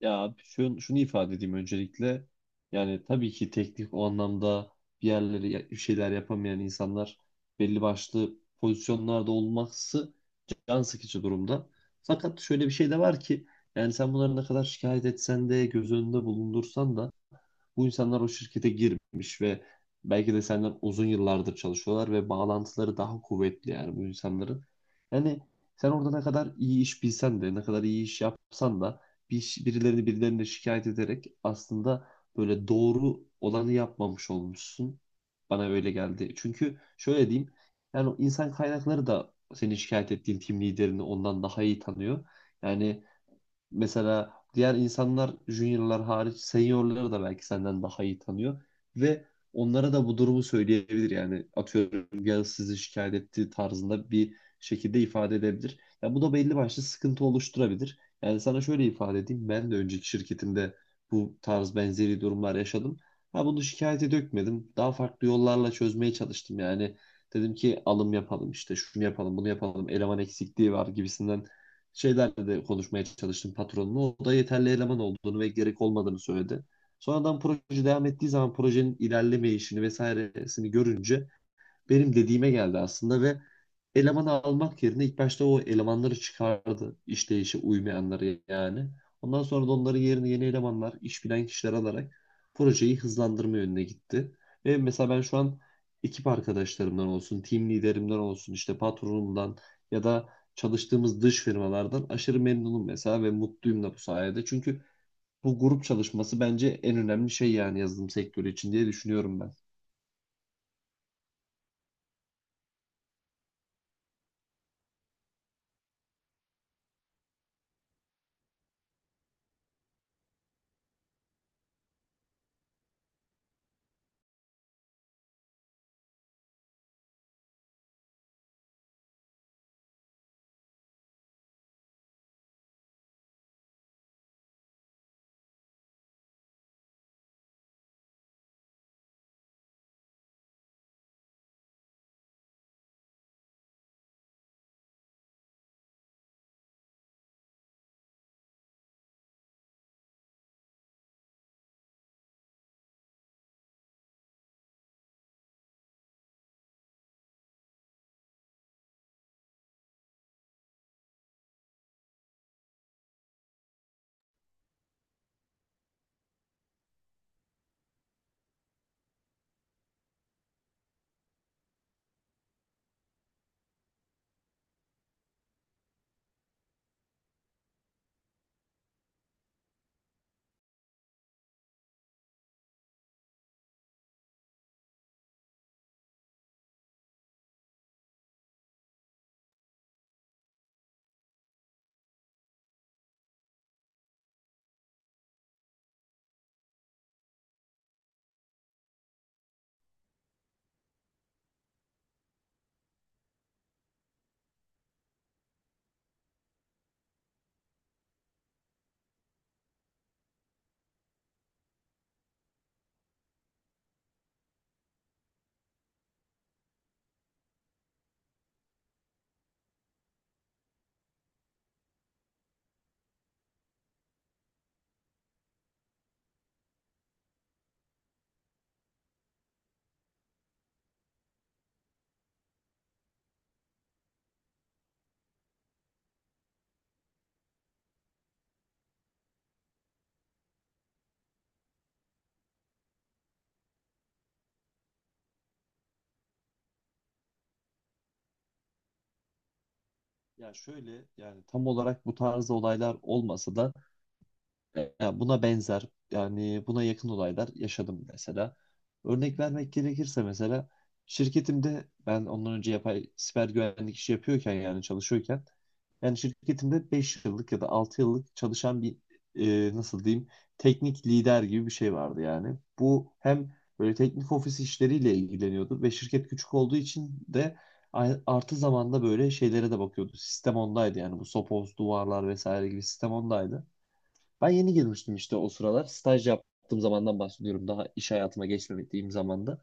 Ya abi şunu ifade edeyim öncelikle. Yani tabii ki teknik o anlamda bir yerleri bir şeyler yapamayan insanlar belli başlı pozisyonlarda olması can sıkıcı durumda. Fakat şöyle bir şey de var ki, yani sen bunları ne kadar şikayet etsen de göz önünde bulundursan da bu insanlar o şirkete girmiş ve belki de senden uzun yıllardır çalışıyorlar ve bağlantıları daha kuvvetli, yani bu insanların. Yani sen orada ne kadar iyi iş bilsen de, ne kadar iyi iş yapsan da birilerini birilerine şikayet ederek aslında böyle doğru olanı yapmamış olmuşsun. Bana öyle geldi. Çünkü şöyle diyeyim, yani o insan kaynakları da senin şikayet ettiğin tim liderini ondan daha iyi tanıyor. Yani mesela diğer insanlar juniorlar hariç seniorları da belki senden daha iyi tanıyor ve onlara da bu durumu söyleyebilir, yani atıyorum ya, sizi şikayet ettiği tarzında bir şekilde ifade edebilir. Ya bu da belli başlı sıkıntı oluşturabilir. Yani sana şöyle ifade edeyim, ben de önceki şirketimde bu tarz benzeri durumlar yaşadım. Ha bunu şikayete dökmedim. Daha farklı yollarla çözmeye çalıştım yani. Dedim ki alım yapalım, işte şunu yapalım bunu yapalım, eleman eksikliği var gibisinden şeylerle de konuşmaya çalıştım patronla. O da yeterli eleman olduğunu ve gerek olmadığını söyledi. Sonradan proje devam ettiği zaman projenin ilerlemeyişini vesairesini görünce benim dediğime geldi aslında ve elemanı almak yerine ilk başta o elemanları çıkardı, işleyişe uymayanları yani. Ondan sonra da onların yerine yeni elemanlar, iş bilen kişiler alarak projeyi hızlandırma yönüne gitti. Ve mesela ben şu an ekip arkadaşlarımdan olsun, team liderimden olsun, işte patronumdan ya da çalıştığımız dış firmalardan aşırı memnunum mesela ve mutluyum da bu sayede. Çünkü bu grup çalışması bence en önemli şey yani, yazılım sektörü için diye düşünüyorum ben. Ya şöyle, yani tam olarak bu tarz olaylar olmasa da ya buna benzer, yani buna yakın olaylar yaşadım mesela. Örnek vermek gerekirse, mesela şirketimde ben ondan önce yapay siber güvenlik işi yapıyorken, yani çalışıyorken, yani şirketimde 5 yıllık ya da 6 yıllık çalışan bir, nasıl diyeyim, teknik lider gibi bir şey vardı yani. Bu hem böyle teknik ofis işleriyle ilgileniyordu ve şirket küçük olduğu için de artı zamanda böyle şeylere de bakıyordu. Sistem ondaydı, yani bu sopoz, duvarlar vesaire gibi sistem ondaydı. Ben yeni girmiştim işte o sıralar. Staj yaptığım zamandan bahsediyorum. Daha iş hayatıma geçmediğim zamanda.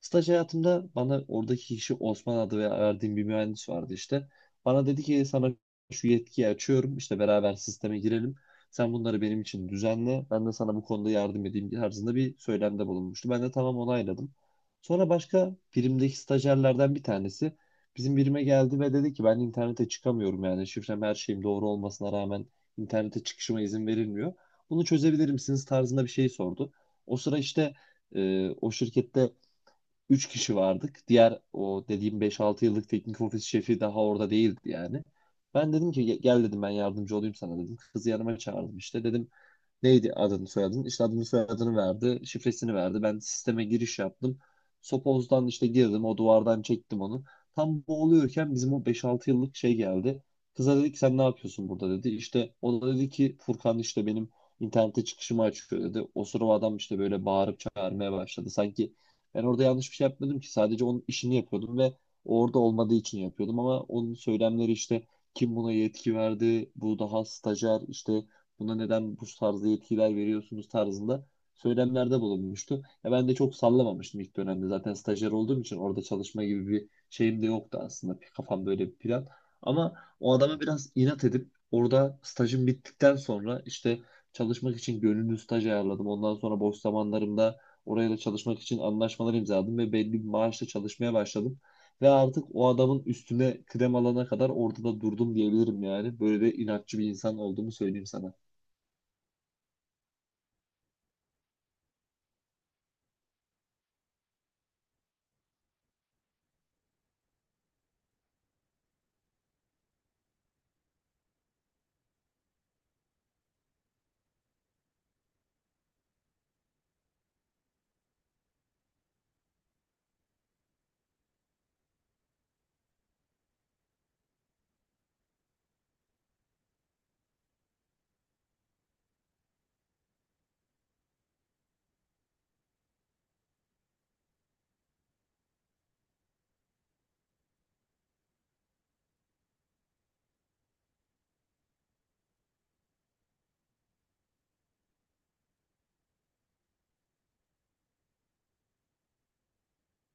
Staj hayatımda bana oradaki kişi Osman adı ve verdiğim bir mühendis vardı işte. Bana dedi ki sana şu yetkiyi açıyorum, işte beraber sisteme girelim. Sen bunları benim için düzenle. Ben de sana bu konuda yardım edeyim tarzında bir söylemde bulunmuştu. Ben de tamam onayladım. Sonra başka birimdeki stajyerlerden bir tanesi bizim birime geldi ve dedi ki ben internete çıkamıyorum, yani şifrem her şeyim doğru olmasına rağmen internete çıkışıma izin verilmiyor. Bunu çözebilir misiniz tarzında bir şey sordu. O sıra işte, o şirkette üç kişi vardık. Diğer o dediğim beş altı yıllık teknik ofis şefi daha orada değildi yani. Ben dedim ki " gel dedim, ben yardımcı olayım sana dedim. Kızı yanıma çağırdım, işte dedim neydi adını soyadını? İşte adını soyadını verdi. Şifresini verdi. Ben sisteme giriş yaptım. Sopoz'dan işte girdim. O duvardan çektim onu. Tam boğuluyorken bizim o beş altı yıllık şey geldi. Kıza dedik sen ne yapıyorsun burada dedi. İşte o da dedi ki Furkan işte benim internete çıkışımı açıyor dedi. O sırada adam işte böyle bağırıp çağırmaya başladı. Sanki ben orada yanlış bir şey yapmadım ki. Sadece onun işini yapıyordum ve orada olmadığı için yapıyordum. Ama onun söylemleri işte, kim buna yetki verdi? Bu daha stajyer işte, buna neden bu tarzda yetkiler veriyorsunuz tarzında söylemlerde bulunmuştu. Ya ben de çok sallamamıştım ilk dönemde. Zaten stajyer olduğum için orada çalışma gibi bir şeyim de yoktu aslında. Bir kafam böyle bir plan. Ama o adama biraz inat edip orada stajım bittikten sonra işte çalışmak için gönüllü staj ayarladım. Ondan sonra boş zamanlarımda oraya da çalışmak için anlaşmalar imzaladım ve belli bir maaşla çalışmaya başladım. Ve artık o adamın üstüne kıdem alana kadar orada da durdum diyebilirim yani. Böyle de inatçı bir insan olduğumu söyleyeyim sana.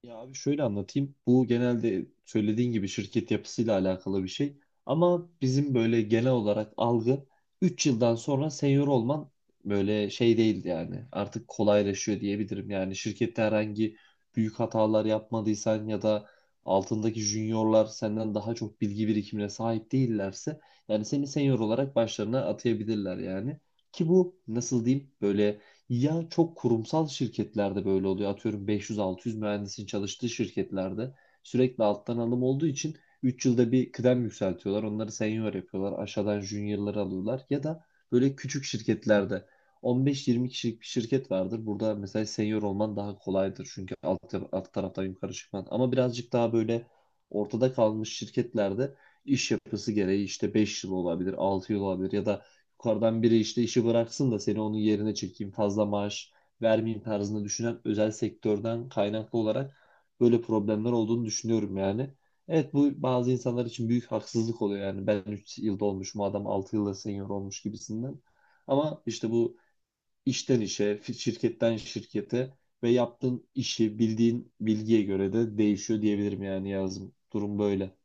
Ya abi şöyle anlatayım. Bu genelde söylediğin gibi şirket yapısıyla alakalı bir şey. Ama bizim böyle genel olarak algı 3 yıldan sonra senior olman, böyle şey değil yani. Artık kolaylaşıyor diyebilirim. Yani şirkette herhangi büyük hatalar yapmadıysan ya da altındaki juniorlar senden daha çok bilgi birikimine sahip değillerse, yani seni senior olarak başlarına atayabilirler yani. Ki bu, nasıl diyeyim, böyle ya çok kurumsal şirketlerde böyle oluyor. Atıyorum 500-600 mühendisin çalıştığı şirketlerde sürekli alttan alım olduğu için 3 yılda bir kıdem yükseltiyorlar. Onları senior yapıyorlar. Aşağıdan juniorları alıyorlar. Ya da böyle küçük şirketlerde 15-20 kişilik bir şirket vardır. Burada mesela senior olman daha kolaydır. Çünkü alt taraftan yukarı çıkman. Ama birazcık daha böyle ortada kalmış şirketlerde iş yapısı gereği işte 5 yıl olabilir, 6 yıl olabilir, ya da yukarıdan biri işte işi bıraksın da seni onun yerine çekeyim, fazla maaş vermeyeyim tarzında düşünen özel sektörden kaynaklı olarak böyle problemler olduğunu düşünüyorum yani. Evet, bu bazı insanlar için büyük haksızlık oluyor yani, ben 3 yılda olmuş, bu adam 6 yılda senior olmuş gibisinden. Ama işte bu işten işe, şirketten şirkete ve yaptığın işi bildiğin bilgiye göre de değişiyor diyebilirim yani yazım. Durum böyle.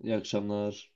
İyi akşamlar.